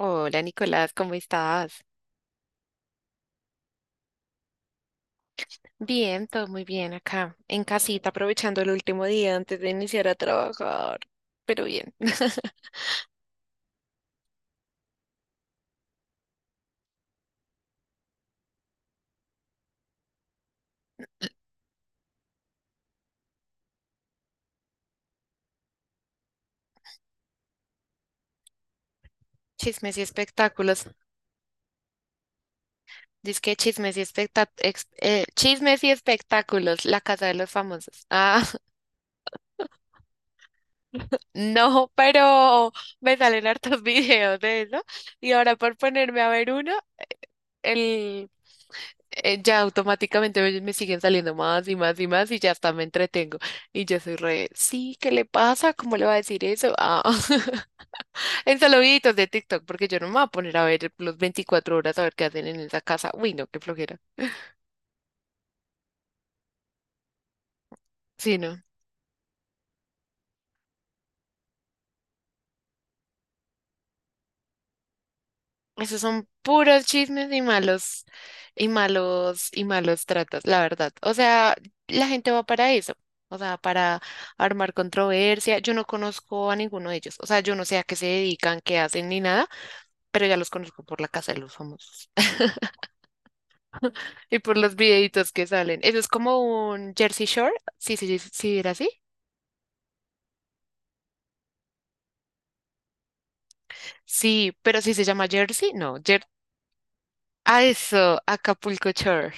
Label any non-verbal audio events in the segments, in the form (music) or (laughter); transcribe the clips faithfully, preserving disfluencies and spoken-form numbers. Hola Nicolás, ¿cómo estás? Bien, todo muy bien acá, en casita, aprovechando el último día antes de iniciar a trabajar, pero bien. (laughs) Chismes y espectáculos, que chismes y especta- ex- eh, chismes y espectáculos, la casa de los famosos. Ah, (laughs) no, pero me salen hartos (laughs) videos de eso y ahora por ponerme a ver uno, el eh, ya automáticamente me, me siguen saliendo más y más y más y ya hasta me entretengo. Y yo soy re, sí, ¿qué le pasa? ¿Cómo le va a decir eso? Ah, (laughs) en solo videitos de TikTok, porque yo no me voy a poner a ver los veinticuatro horas a ver qué hacen en esa casa. Uy, no, qué flojera. Sí, no. Esos son puros chismes y malos, y malos, y malos tratos, la verdad. O sea, la gente va para eso. O sea, para armar controversia. Yo no conozco a ninguno de ellos. O sea, yo no sé a qué se dedican, qué hacen ni nada, pero ya los conozco por la casa de los famosos (laughs) y por los videitos que salen. Eso es como un Jersey Shore. Sí, sí, sí, sí, era así. Sí, pero si se llama Jersey, no. Jer ah, eso, Acapulco Shore.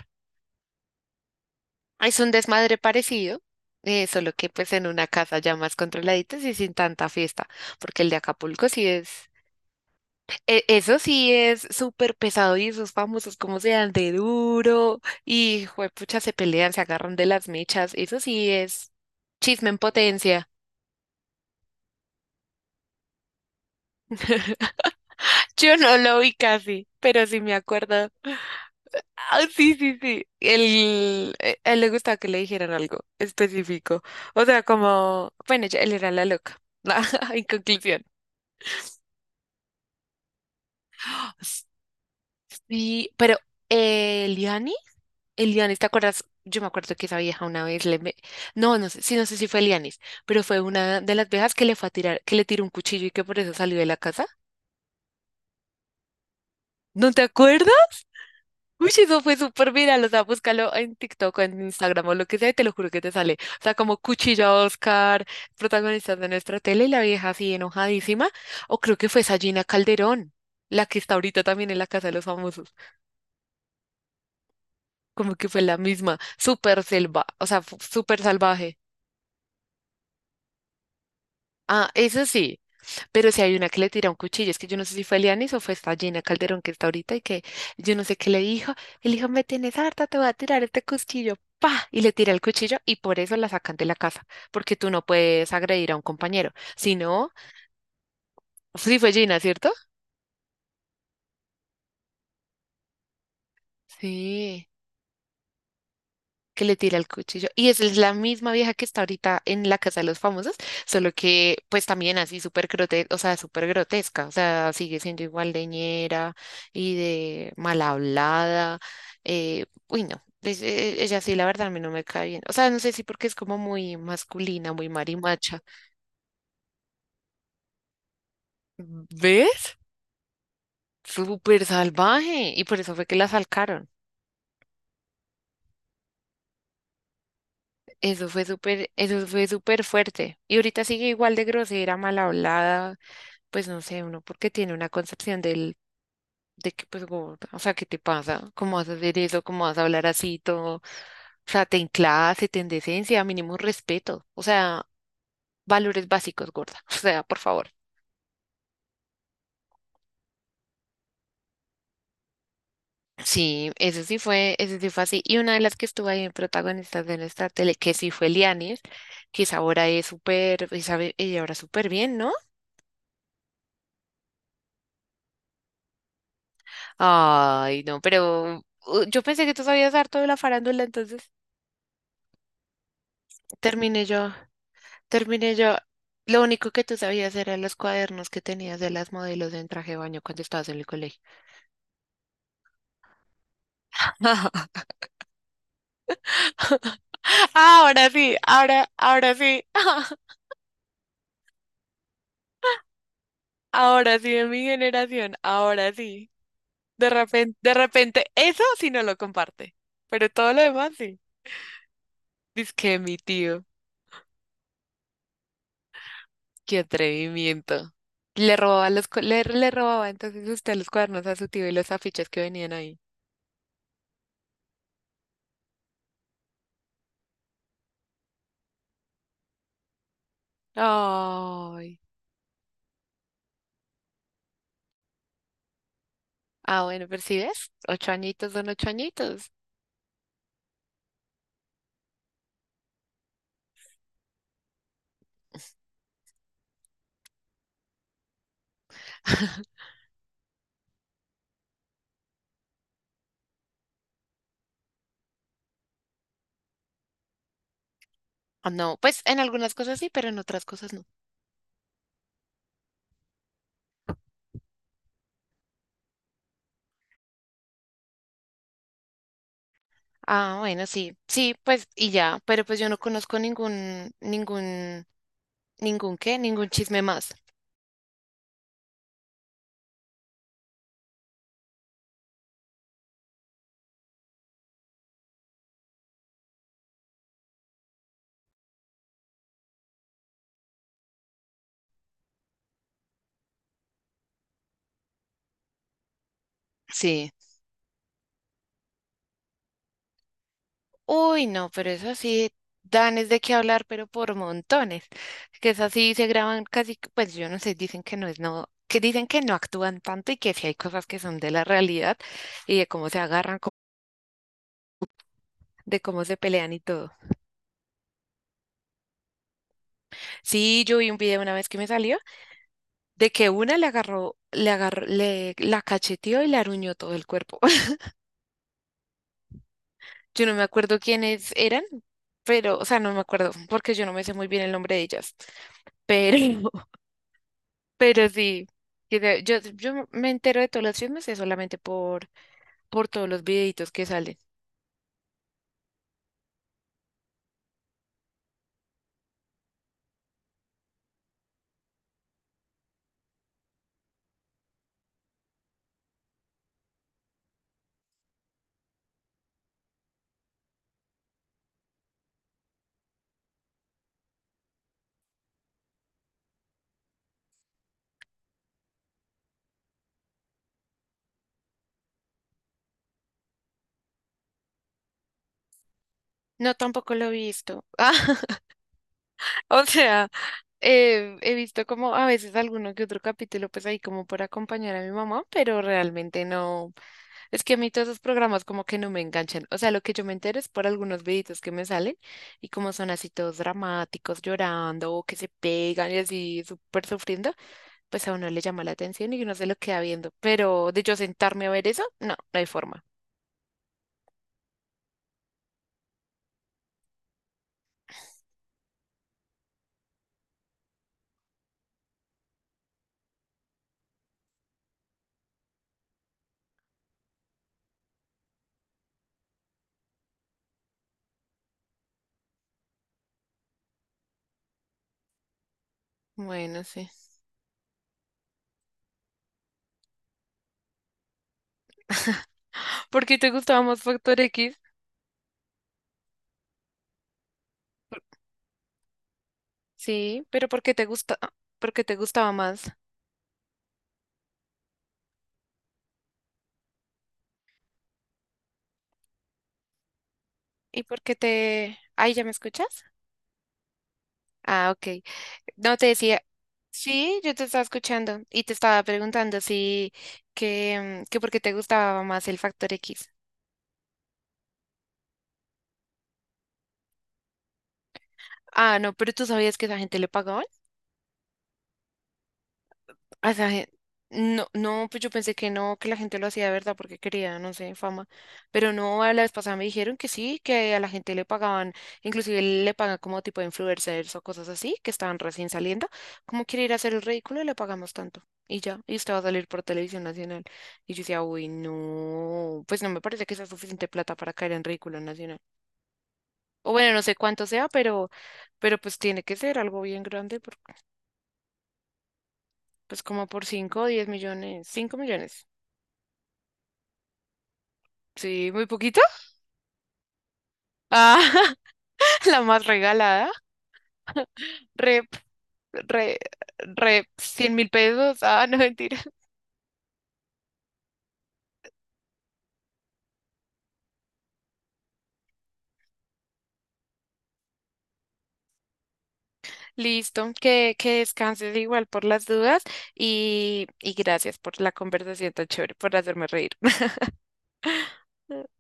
Es un desmadre parecido, eh, solo que pues en una casa ya más controladitas y sin tanta fiesta, porque el de Acapulco sí es, e- eso sí es súper pesado y esos famosos como se dan de duro y juepucha se pelean, se agarran de las mechas, eso sí es chisme en potencia. Yo no lo vi casi, pero sí me acuerdo. Ah, sí, sí, sí. Él, eh, a él le gustaba que le dijeran algo específico. O sea, como, bueno, ya- él era la loca. (laughs) En conclusión. Sí, pero eh, Eliani, Elianis, ¿te acuerdas? Yo me acuerdo que esa vieja una vez le me- no, no sé, sí, no sé si fue Elianis, pero fue una de las viejas que le fue a tirar, que le tiró un cuchillo y que por eso salió de la casa. ¿No te acuerdas? Uy, sí, eso fue súper viral, o sea, búscalo en TikTok o en Instagram o lo que sea y te lo juro que te sale. O sea, como cuchillo a Oscar, protagonistas de nuestra tele y la vieja así enojadísima. O creo que fue Sagina Calderón, la que está ahorita también en la Casa de los Famosos. Como que fue la misma, súper selva, o sea, fu- súper salvaje. Ah, eso sí, pero si hay una que le tira un cuchillo, es que yo no sé si fue Lianis o fue esta Gina Calderón que está ahorita y que yo no sé qué le dijo. Y le dijo, me tienes harta, te voy a tirar este cuchillo. ¡Pa! Y le tira el cuchillo y por eso la sacan de la casa, porque tú no puedes agredir a un compañero. Si no, sí fue Gina, ¿cierto? Sí, que le tira el cuchillo. Y esa es la misma vieja que está ahorita en la Casa de los Famosos, solo que pues también así súper grotesca, o sea, súper grotesca, o sea, sigue siendo igual de ñera y de mal hablada. Eh, uy, no, es- e- ella sí, la verdad, a mí no me cae bien. O sea, no sé si porque es como muy masculina, muy marimacha. ¿Ves? Súper salvaje. Y por eso fue que la salcaron. Eso fue súper, eso fue súper fuerte. Y ahorita sigue igual de grosera, mal hablada. Pues no sé, uno porque tiene una concepción del, de que pues gorda, o sea, ¿qué te pasa? ¿Cómo vas a hacer eso? ¿Cómo vas a hablar así todo? O sea, ten clase, ten decencia, mínimo respeto, o sea, valores básicos, gorda, (laughs) o sea, por favor. Sí, eso sí fue, eso sí fue así. Y una de las que estuvo ahí en protagonistas de nuestra tele, que sí fue Lianis, que esa ahora es súper, y sabe, ella ahora súper bien, ¿no? Ay, no, pero uh, yo pensé que tú sabías dar todo de la farándula, entonces terminé yo. Terminé yo. Lo único que tú sabías eran los cuadernos que tenías de las modelos en traje de baño cuando estabas en el colegio. (laughs) Ahora sí, ahora, ahora sí, (laughs) ahora sí de mi generación, ahora sí. De repente, de repente, eso sí no lo comparte, pero todo lo demás sí. Dice que mi tío, qué atrevimiento. Le robaba los, cu- le, le robaba entonces usted los cuadernos a su tío y los afiches que venían ahí. Ay. Ah, bueno, pero si ves, ocho añitos son ocho añitos. Ah, no, pues en algunas cosas sí, pero en otras cosas no. Ah, bueno, sí, sí, pues y ya, pero pues yo no conozco ningún, ningún, ningún qué, ningún chisme más. Sí. Uy, no, pero eso sí, dan es de qué hablar, pero por montones. Que es así, se graban casi, que- pues yo no sé, dicen que no es no, que dicen que no actúan tanto y que sí hay cosas que son de la realidad y de cómo se agarran, co- de cómo se pelean y todo. Sí, yo vi un video una vez que me salió, de que una le agarró, le agarró, le la cacheteó y le aruñó todo el cuerpo. (laughs) Yo no me acuerdo quiénes eran, pero, o sea, no me acuerdo, porque yo no me sé muy bien el nombre de ellas. Pero, (laughs) pero sí, que de- yo, yo me entero de todos los chismes es solamente por, por todos los videitos que salen. No, tampoco lo he visto. (laughs) Ah, o sea, eh, he visto como a veces alguno que otro capítulo, pues ahí como por acompañar a mi mamá, pero realmente no. Es que a mí todos esos programas como que no me enganchan. O sea, lo que yo me entero es por algunos videitos que me salen y como son así todos dramáticos, llorando o que se pegan y así súper sufriendo, pues a uno le llama la atención y uno se lo queda viendo. Pero de yo sentarme a ver eso, no, no hay forma. Bueno, sí. ¿Por qué te gustaba más Factor X? Sí, pero ¿por qué te gusta? ¿Por qué te gustaba más? ¿Y por qué te... Ay, ¿ya me escuchas? Ah, ok. No te decía, sí, yo te estaba escuchando y te estaba preguntando si que, mm, que por qué te gustaba más el Factor X. Ah, no, pero tú sabías que esa gente le pagaban. A esa gen- No, no, pues yo pensé que no, que la gente lo hacía de verdad porque quería, no sé, fama. Pero no, a la vez pasada me dijeron que sí, que a la gente le pagaban, inclusive le pagan como tipo de influencers o cosas así, que estaban recién saliendo. ¿Cómo quiere ir a hacer el ridículo? Le pagamos tanto. Y ya, y usted va a salir por televisión nacional. Y yo decía, uy, no, pues no me parece que sea suficiente plata para caer en ridículo nacional. O bueno, no sé cuánto sea, pero, pero pues tiene que ser algo bien grande, por- pues como por cinco, o diez millones, cinco millones. Sí, muy poquito. Ah, (laughs) la más regalada. Rep, re, re, cien mil pesos. Ah, no, mentira. Listo, que, que descanses igual por las dudas y, y gracias por la conversación tan chévere, por hacerme reír. (laughs)